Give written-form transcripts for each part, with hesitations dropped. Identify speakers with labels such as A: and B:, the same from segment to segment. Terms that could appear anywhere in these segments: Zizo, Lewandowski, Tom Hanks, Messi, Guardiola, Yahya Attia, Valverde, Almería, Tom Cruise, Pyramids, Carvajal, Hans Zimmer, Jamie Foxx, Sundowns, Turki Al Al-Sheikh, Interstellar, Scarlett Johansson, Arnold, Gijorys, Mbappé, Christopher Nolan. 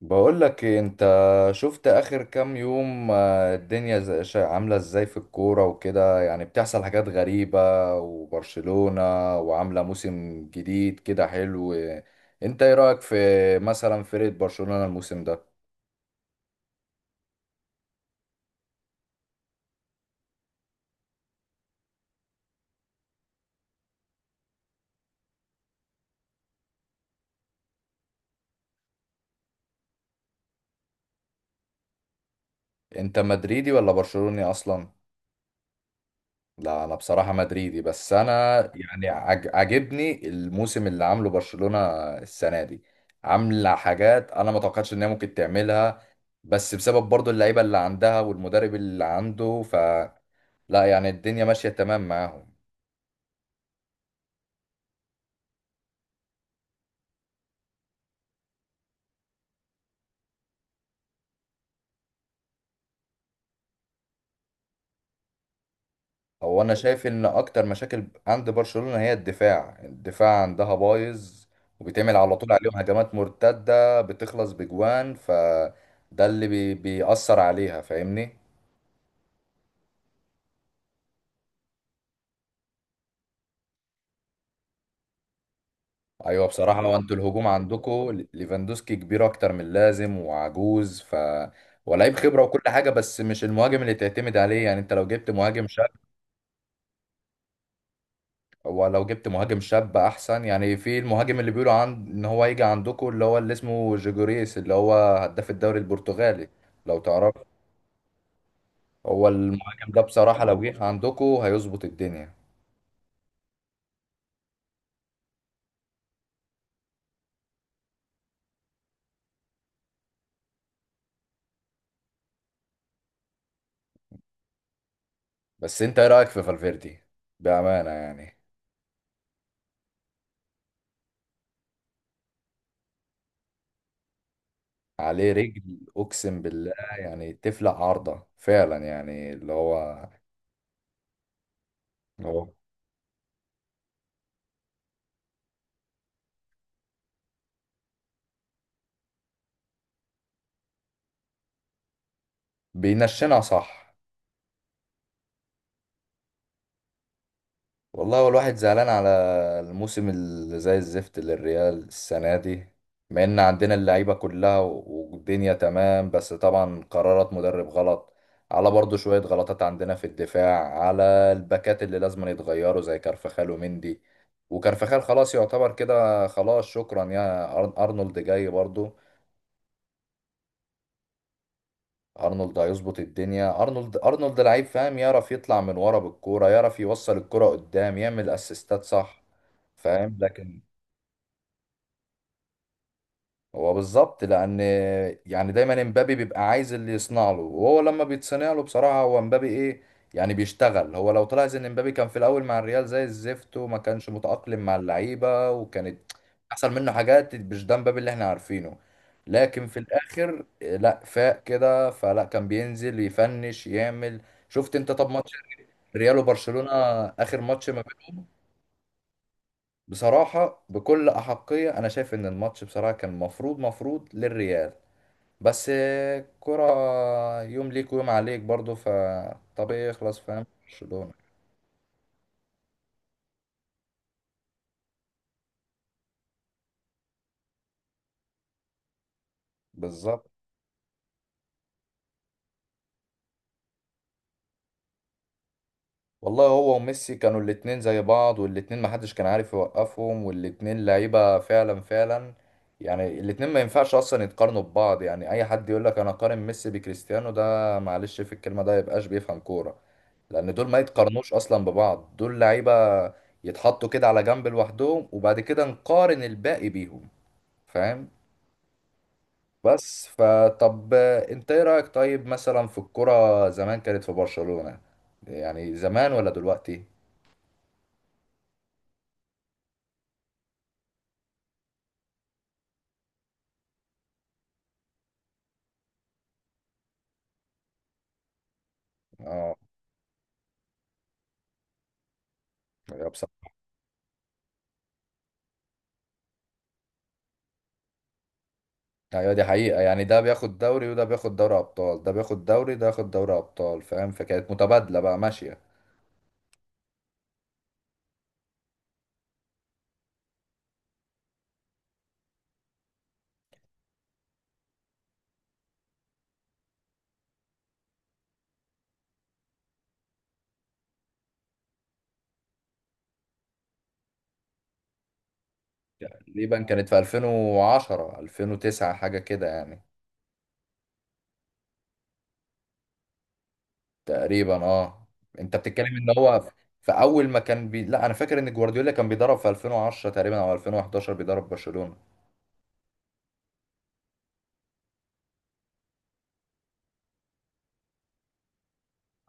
A: بقول لك إيه، انت شفت اخر كام يوم. الدنيا عامله ازاي في الكوره وكده؟ يعني بتحصل حاجات غريبه وبرشلونه وعامله موسم جديد كده حلو. انت ايه رايك في مثلا فرقه برشلونه الموسم ده؟ انت مدريدي ولا برشلوني اصلا؟ لا انا بصراحه مدريدي، بس انا يعني عاجبني الموسم اللي عامله برشلونه السنه دي. عامله حاجات انا ما توقعتش ان هي ممكن تعملها، بس بسبب برضو اللعيبه اللي عندها والمدرب اللي عنده، ف لا يعني الدنيا ماشيه تمام معاهم. هو انا شايف ان اكتر مشاكل عند برشلونه هي الدفاع عندها بايظ، وبيتعمل على طول عليهم هجمات مرتده بتخلص بجوان، ف ده اللي بيأثر عليها، فاهمني؟ ايوه بصراحه، هو انتوا الهجوم عندكم ليفاندوسكي كبير اكتر من اللازم وعجوز، ف ولاعيب خبره وكل حاجه، بس مش المهاجم اللي تعتمد عليه. يعني انت لو جبت مهاجم شاب، ولو جبت مهاجم شاب احسن. يعني في المهاجم اللي بيقولوا عن ان هو يجي عندكم، اللي هو اللي اسمه جيجوريس، اللي هو هداف الدوري البرتغالي، لو تعرف. هو المهاجم ده بصراحه لو جه عندكم هيظبط الدنيا. بس انت ايه رايك في فالفيردي، بامانه يعني؟ عليه رجل، اقسم بالله. يعني تفلق عارضة فعلا، يعني اللي هو هو بينشنها صح. والله هو الواحد زعلان على الموسم اللي زي الزفت للريال السنة دي، مع ان عندنا اللعيبة كلها والدنيا تمام، بس طبعا قرارات مدرب غلط، على برضو شوية غلطات عندنا في الدفاع، على الباكات اللي لازم يتغيروا زي كارفخال ومندي. وكارفخال خلاص يعتبر كده، خلاص شكرا يا أرنولد جاي برضو. ارنولد هيظبط الدنيا. ارنولد لعيب، فاهم؟ يعرف يطلع من ورا بالكوره، يعرف يوصل الكوره قدام، يعمل اسيستات صح، فاهم؟ لكن هو بالظبط، لان يعني دايما امبابي بيبقى عايز اللي يصنع له، وهو لما بيتصنع له بصراحه هو امبابي ايه، يعني بيشتغل. هو لو طلع زي ان امبابي كان في الاول مع الريال زي الزفت وما كانش متاقلم مع اللعيبه، وكانت حصل منه حاجات مش ده امبابي اللي احنا عارفينه، لكن في الاخر لا فاق كده، فلا كان بينزل يفنش يعمل. شفت انت طب ماتش ريال وبرشلونه، اخر ماتش ما بين- بصراحه بكل احقيه انا شايف ان الماتش بصراحه كان مفروض للريال. بس كرة، يوم ليك ويوم عليك برضو، فطبيعي يخلص، فاهم، برشلونة بالظبط. والله هو وميسي كانوا الاتنين زي بعض، والاتنين محدش كان عارف يوقفهم، والاتنين لعيبة فعلا فعلا. يعني الاتنين ما ينفعش اصلا يتقارنوا ببعض. يعني اي حد يقول لك انا قارن ميسي بكريستيانو، ده معلش في الكلمة ده يبقاش بيفهم كورة، لان دول ما يتقارنوش اصلا ببعض. دول لعيبة يتحطوا كده على جنب لوحدهم، وبعد كده نقارن الباقي بيهم، فاهم؟ بس فطب انت ايه رأيك طيب مثلا في الكرة زمان، كانت في برشلونة يعني زمان ولا دلوقتي؟ اه، يا بصراحة ايوه دي حقيقة. يعني ده بياخد دوري وده بياخد دوري ابطال، ده بياخد دوري ده ياخد دوري ابطال، فاهم؟ فكانت متبادلة بقى ماشية. تقريبا كانت في 2010، 2009، حاجة كده يعني. تقريبا اه. انت بتتكلم ان هو في في اول ما كان لا انا فاكر ان جوارديولا كان بيدرب في 2010 تقريبا او 2011 بيدرب برشلونة.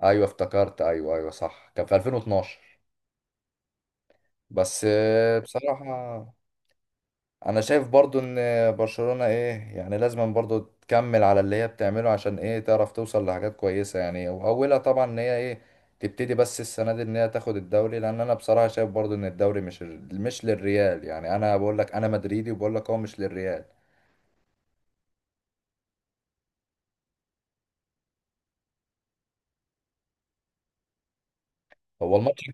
A: ايوه افتكرت، ايوه ايوه صح، كان في 2012. بس بصراحة انا شايف برضو ان برشلونة ايه يعني لازم برضو تكمل على اللي هي بتعمله، عشان ايه تعرف توصل لحاجات كويسة. يعني واولها طبعا ان هي ايه تبتدي بس السنة دي ان هي تاخد الدوري، لان انا بصراحة شايف برضو ان الدوري مش للريال. يعني انا بقول لك انا مدريدي وبقول لك هو مش للريال. هو الماتش،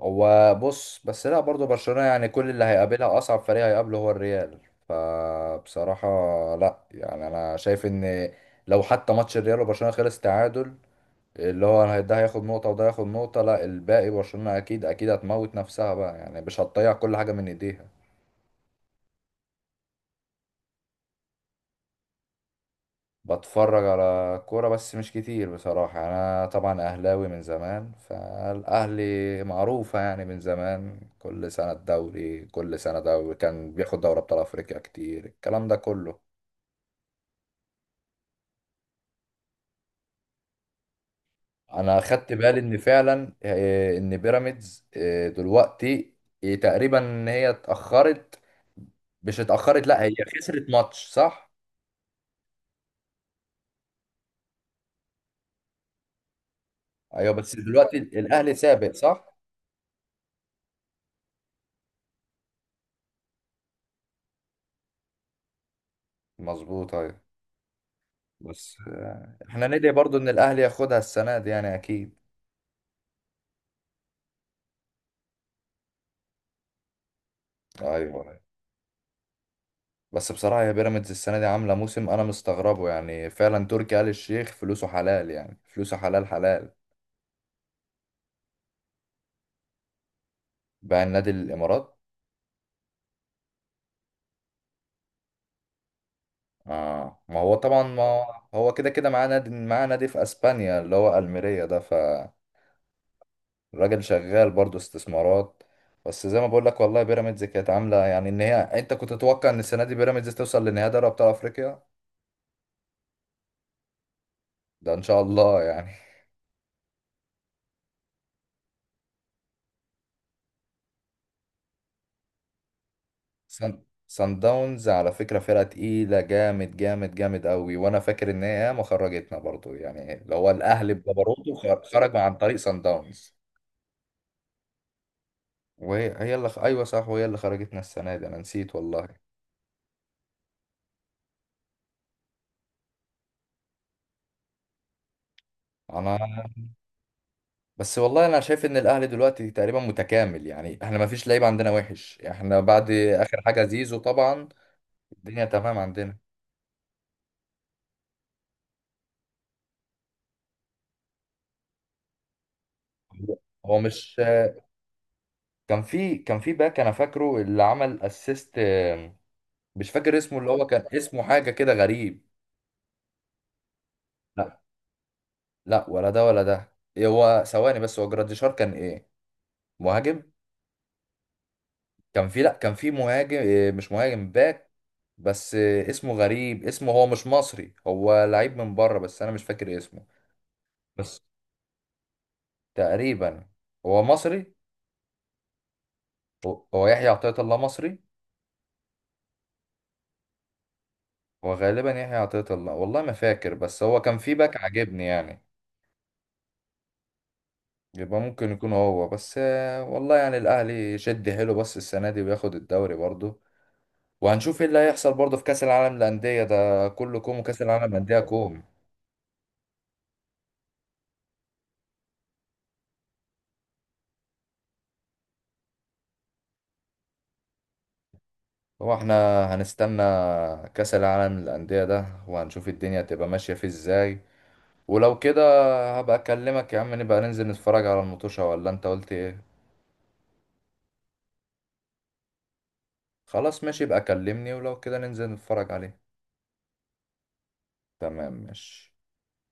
A: هو بص بس لا برضه برشلونة يعني كل اللي هيقابلها أصعب فريق هيقابله هو الريال، فبصراحة لا يعني أنا شايف إن لو حتى ماتش الريال وبرشلونة خلص تعادل، اللي هو أنا ده هياخد نقطة وده هياخد نقطة، لا الباقي برشلونة أكيد هتموت نفسها بقى، يعني مش هتضيع كل حاجة من إيديها. بتفرج على كورة بس مش كتير بصراحة. يعني أنا طبعا أهلاوي من زمان، فالأهلي معروفة يعني من زمان، كل سنة الدوري، كل سنة دوري، كان بياخد دوري أبطال أفريقيا كتير، الكلام ده كله. أنا خدت بالي إن فعلا إن بيراميدز دلوقتي تقريبا هي اتأخرت. مش اتأخرت، لأ هي خسرت ماتش صح؟ أيوه، بس دلوقتي الأهلي سابق صح؟ مظبوط أيوه. بس احنا ندعي برضو ان الاهلي ياخدها السنه دي يعني، اكيد. ايوه أيوه. بس بصراحه يا بيراميدز السنه دي عامله موسم انا مستغربه، يعني فعلا تركي آل الشيخ فلوسه حلال، يعني فلوسه حلال حلال. باع النادي الامارات. اه، ما هو طبعا، ما هو كده كده معاه نادي، معاه نادي في اسبانيا اللي هو الميريا ده، فالراجل شغال برضه استثمارات. بس زي ما بقول لك والله بيراميدز كانت عامله يعني، ان هي انت كنت تتوقع ان السنه دي بيراميدز توصل لنهائي دوري ابطال افريقيا. ده ان شاء الله يعني. سان داونز على فكرة فرقة تقيلة، جامد جامد جامد قوي، وانا فاكر ان هي ما خرجتنا برضو، يعني اللي هو الاهلي بجبروته خرج عن طريق سان داونز. وهي هي اللي ايوه صح، وهي اللي خرجتنا السنة دي، انا نسيت والله. انا بس والله انا شايف ان الاهلي دلوقتي تقريبا متكامل، يعني احنا ما فيش لعيب عندنا وحش. احنا بعد اخر حاجة زيزو طبعا الدنيا تمام عندنا. هو مش كان في، كان في باك انا فاكره اللي عمل اسيست، مش فاكر اسمه، اللي هو كان اسمه حاجة كده غريب. لا لا، ولا ده ولا ده. إيه هو؟ ثواني بس، هو جراديشار كان ايه، مهاجم؟ كان في، لا كان في مهاجم، إيه مش مهاجم، باك، بس إيه اسمه غريب اسمه، هو مش مصري هو لعيب من بره، بس انا مش فاكر اسمه. بس تقريبا هو مصري، هو هو يحيى عطية الله، مصري. هو غالبا يحيى عطية الله، والله ما فاكر، بس هو كان في باك عاجبني يعني. يبقى ممكن يكون هو، بس والله يعني الأهلي يشد حيله بس السنة دي وياخد الدوري برضه. وهنشوف ايه اللي هيحصل برضه في كأس العالم للأندية ده، كله كوم وكأس العالم للأندية كوم. هو احنا هنستنى كأس العالم للأندية ده وهنشوف الدنيا هتبقى ماشية فيه ازاي، ولو كده هبقى اكلمك يا عم، نبقى ننزل نتفرج على المطوشة، ولا انت قلت ايه؟ خلاص ماشي، يبقى كلمني ولو كده ننزل نتفرج عليه. تمام ماشي.